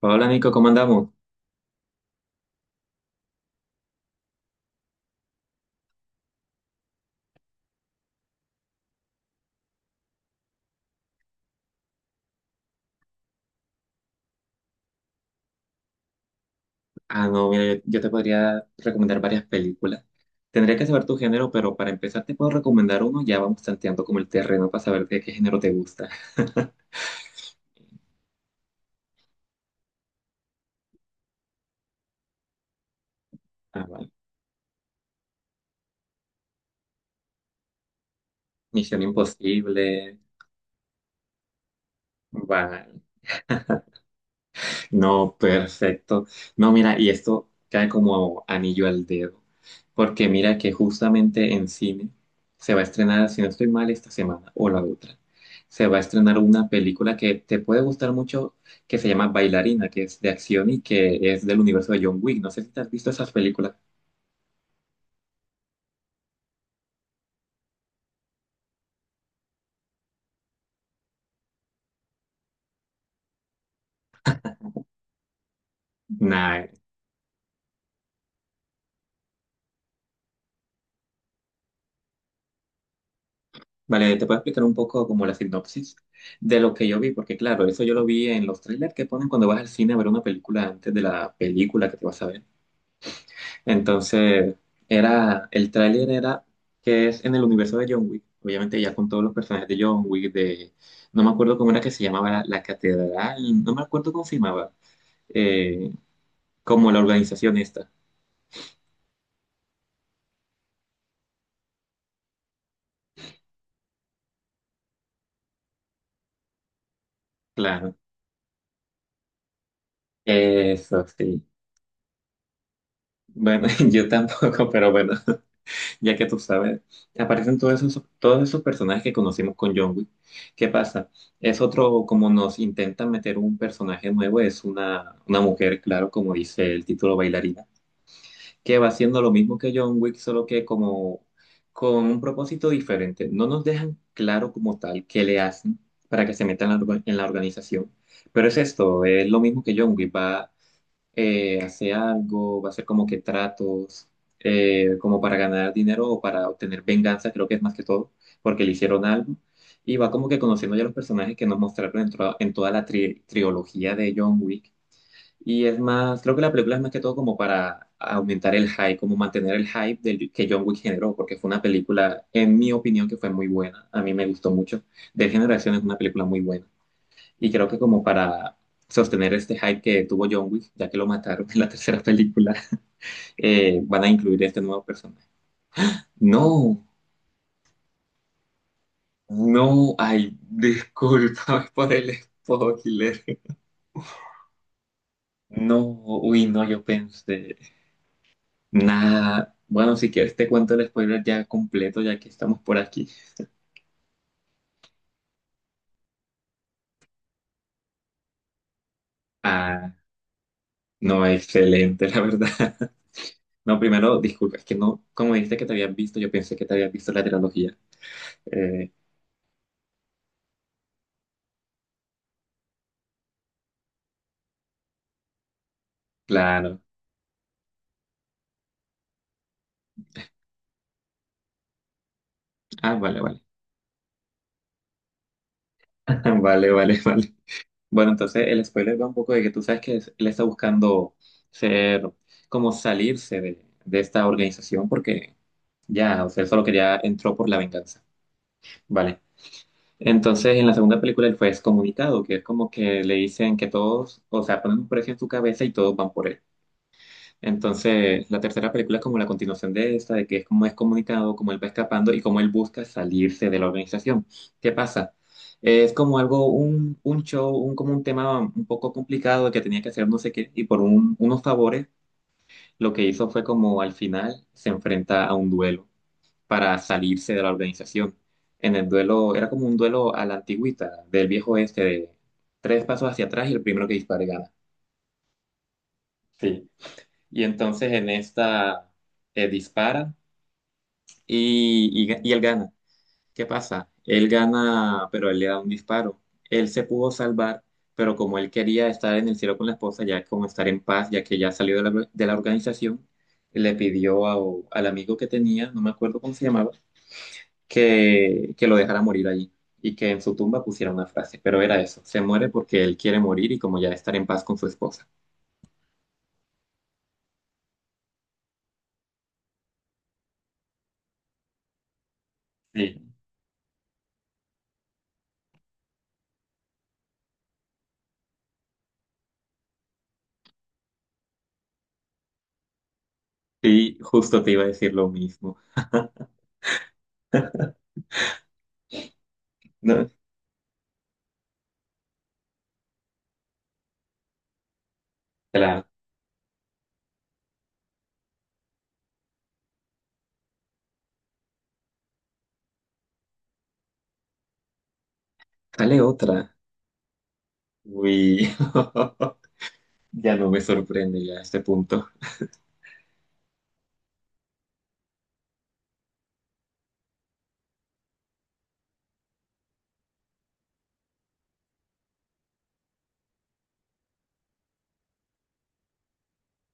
Hola Nico, ¿cómo andamos? Ah, no, mira, yo te podría recomendar varias películas. Tendría que saber tu género, pero para empezar te puedo recomendar uno. Ya vamos tanteando como el terreno para saber de qué género te gusta. Ah, vale. Misión Imposible, va. No, perfecto. No, mira, y esto cae como anillo al dedo, porque mira que justamente en cine se va a estrenar, si no estoy mal, esta semana o la otra, se va a estrenar una película que te puede gustar mucho, que se llama Bailarina, que es de acción y que es del universo de John Wick. No sé si te has visto esas películas. Nah. Vale, te puedo explicar un poco como la sinopsis de lo que yo vi, porque claro, eso yo lo vi en los trailers que ponen cuando vas al cine a ver una película antes de la película que te vas a ver. Entonces, era, el tráiler era que es en el universo de John Wick, obviamente ya con todos los personajes de John Wick, de, no me acuerdo cómo era que se llamaba la catedral, no me acuerdo cómo se llamaba, eh, como la organización esta, claro. Eso sí. Bueno, yo tampoco, pero bueno, ya que tú sabes, aparecen todos esos personajes que conocimos con John Wick. ¿Qué pasa? Es otro, como nos intentan meter un personaje nuevo, es una mujer, claro, como dice el título bailarina, que va haciendo lo mismo que John Wick, solo que como con un propósito diferente. No nos dejan claro como tal qué le hacen para que se metan en en la organización, pero es esto, es lo mismo que John Wick, va, a hacer algo, va a hacer como que tratos, como para ganar dinero o para obtener venganza, creo que es más que todo, porque le hicieron algo. Y va como que conociendo ya los personajes que nos mostraron en toda la trilogía de John Wick. Y es más, creo que la película es más que todo como para aumentar el hype, como mantener el hype del, que John Wick generó, porque fue una película, en mi opinión, que fue muy buena. A mí me gustó mucho. De Generación es una película muy buena. Y creo que como para sostener este hype que tuvo John Wick, ya que lo mataron en la tercera película, van a incluir este nuevo personaje. No, no, ay, discúlpame por el spoiler. No, uy, no, yo pensé. Nada, bueno, si quieres te cuento el spoiler ya completo, ya que estamos por aquí. Ah, no, excelente, la verdad. No, primero, disculpa, es que no, como dijiste que te habías visto, yo pensé que te habías visto la trilogía. Eh, claro. Ah, vale, vale. Vale, vale, vale. Bueno, entonces el spoiler va un poco de que tú sabes que él está buscando ser, como salirse de esta organización porque ya, o sea, él solo quería, entró por la venganza. Vale. Entonces, en la segunda película él fue excomunicado, que es como que le dicen que todos, o sea, ponen un precio en su cabeza y todos van por él. Entonces, la tercera película es como la continuación de esta, de que es como excomunicado, como él va escapando y como él busca salirse de la organización. ¿Qué pasa? Es como algo, un show, un, como un tema un poco complicado que tenía que hacer no sé qué, y por unos favores, lo que hizo fue como al final se enfrenta a un duelo para salirse de la organización. En el duelo, era como un duelo a la antigüita, del viejo oeste, de tres pasos hacia atrás y el primero que dispare gana. Sí. Y entonces en esta dispara y él gana. ¿Qué pasa? Él gana, pero él le da un disparo. Él se pudo salvar, pero como él quería estar en el cielo con la esposa, ya como estar en paz, ya que ya salió de de la organización, le pidió a- al amigo que tenía, no me acuerdo cómo se llamaba, que lo dejara morir allí y que en su tumba pusiera una frase, pero era eso, se muere porque él quiere morir y como ya estar en paz con su esposa. Sí, sí, justo te iba a decir lo mismo. No, claro. Sale otra. Uy, ya no me sorprende ya a este punto.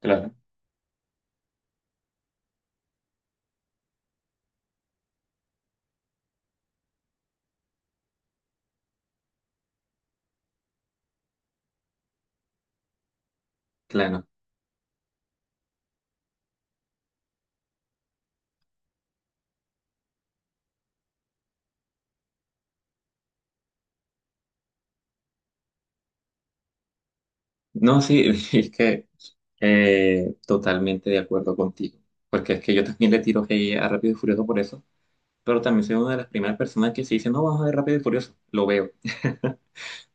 Claro, claro. No, sí, es que totalmente de acuerdo contigo, porque es que yo también le tiro hate a Rápido y Furioso por eso, pero también soy una de las primeras personas que se dice, no, vamos a ver Rápido y Furioso, lo veo.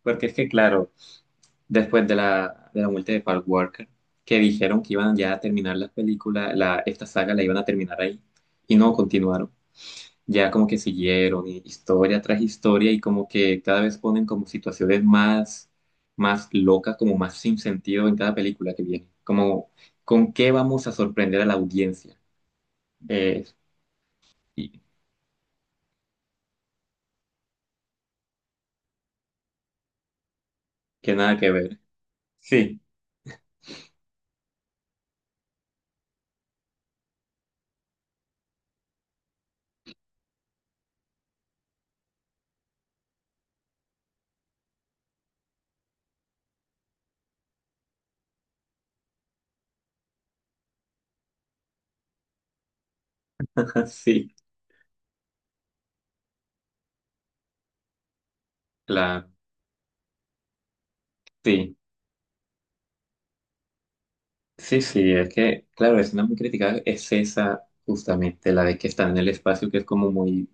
Porque es que, claro, después de de la muerte de Park Walker, que dijeron que iban ya a terminar la película, la, esta saga la iban a terminar ahí, y no continuaron. Ya como que siguieron, y historia tras historia, y como que cada vez ponen como situaciones más, más locas, como más sin sentido en cada película que viene. Como, ¿con qué vamos a sorprender a la audiencia? Eh, y que nada que ver. Sí, sí, claro, sí. Sí, sí, es que, claro, es una muy criticada, es esa justamente, la de que están en el espacio, que es como muy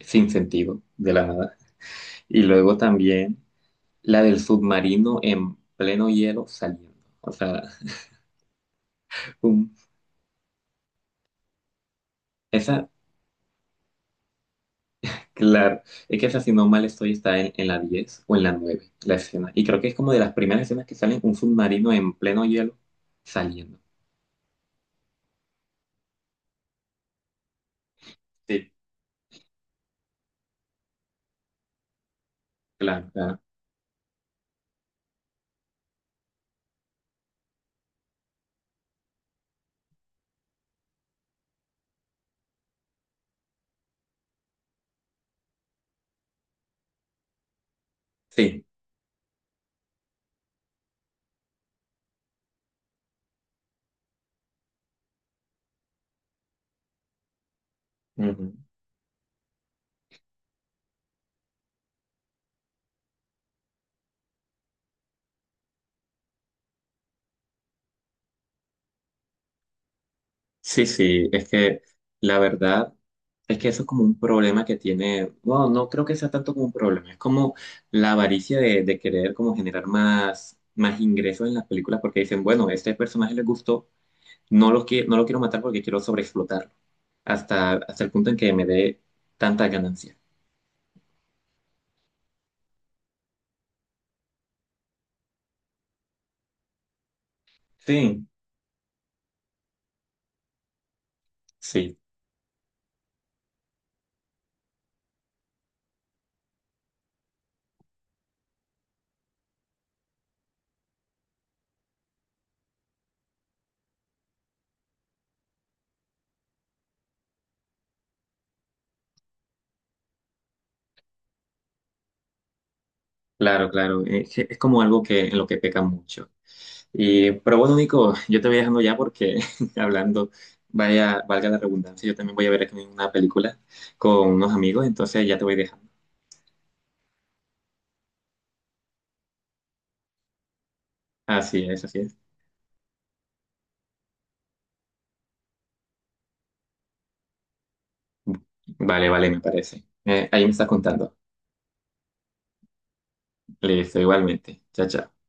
sin sentido, de la nada. Y luego también la del submarino en pleno hielo saliendo. O sea, un- esa, claro, es que esa, si no mal estoy, está en la 10 o en la 9 la escena. Y creo que es como de las primeras escenas que salen un submarino en pleno hielo saliendo. Sí, claro, claro. Sí. Sí, sí, es que la verdad es que eso es como un problema que tiene, bueno, no creo que sea tanto como un problema, es como la avaricia de querer como generar más, más ingresos en las películas porque dicen, bueno, este personaje le gustó, no lo, no lo quiero matar porque quiero sobreexplotarlo hasta, hasta el punto en que me dé tanta ganancia. Sí, sí, claro, claro, es, que es como algo que, en lo que peca mucho. Y, pero bueno, Nico, yo te voy dejando ya porque hablando, vaya, valga la redundancia, yo también voy a ver aquí una película con unos amigos, entonces ya te voy dejando. Así es, así es. Vale, vale, me parece. Ahí me estás contando. Listo, igualmente. Chao, chao.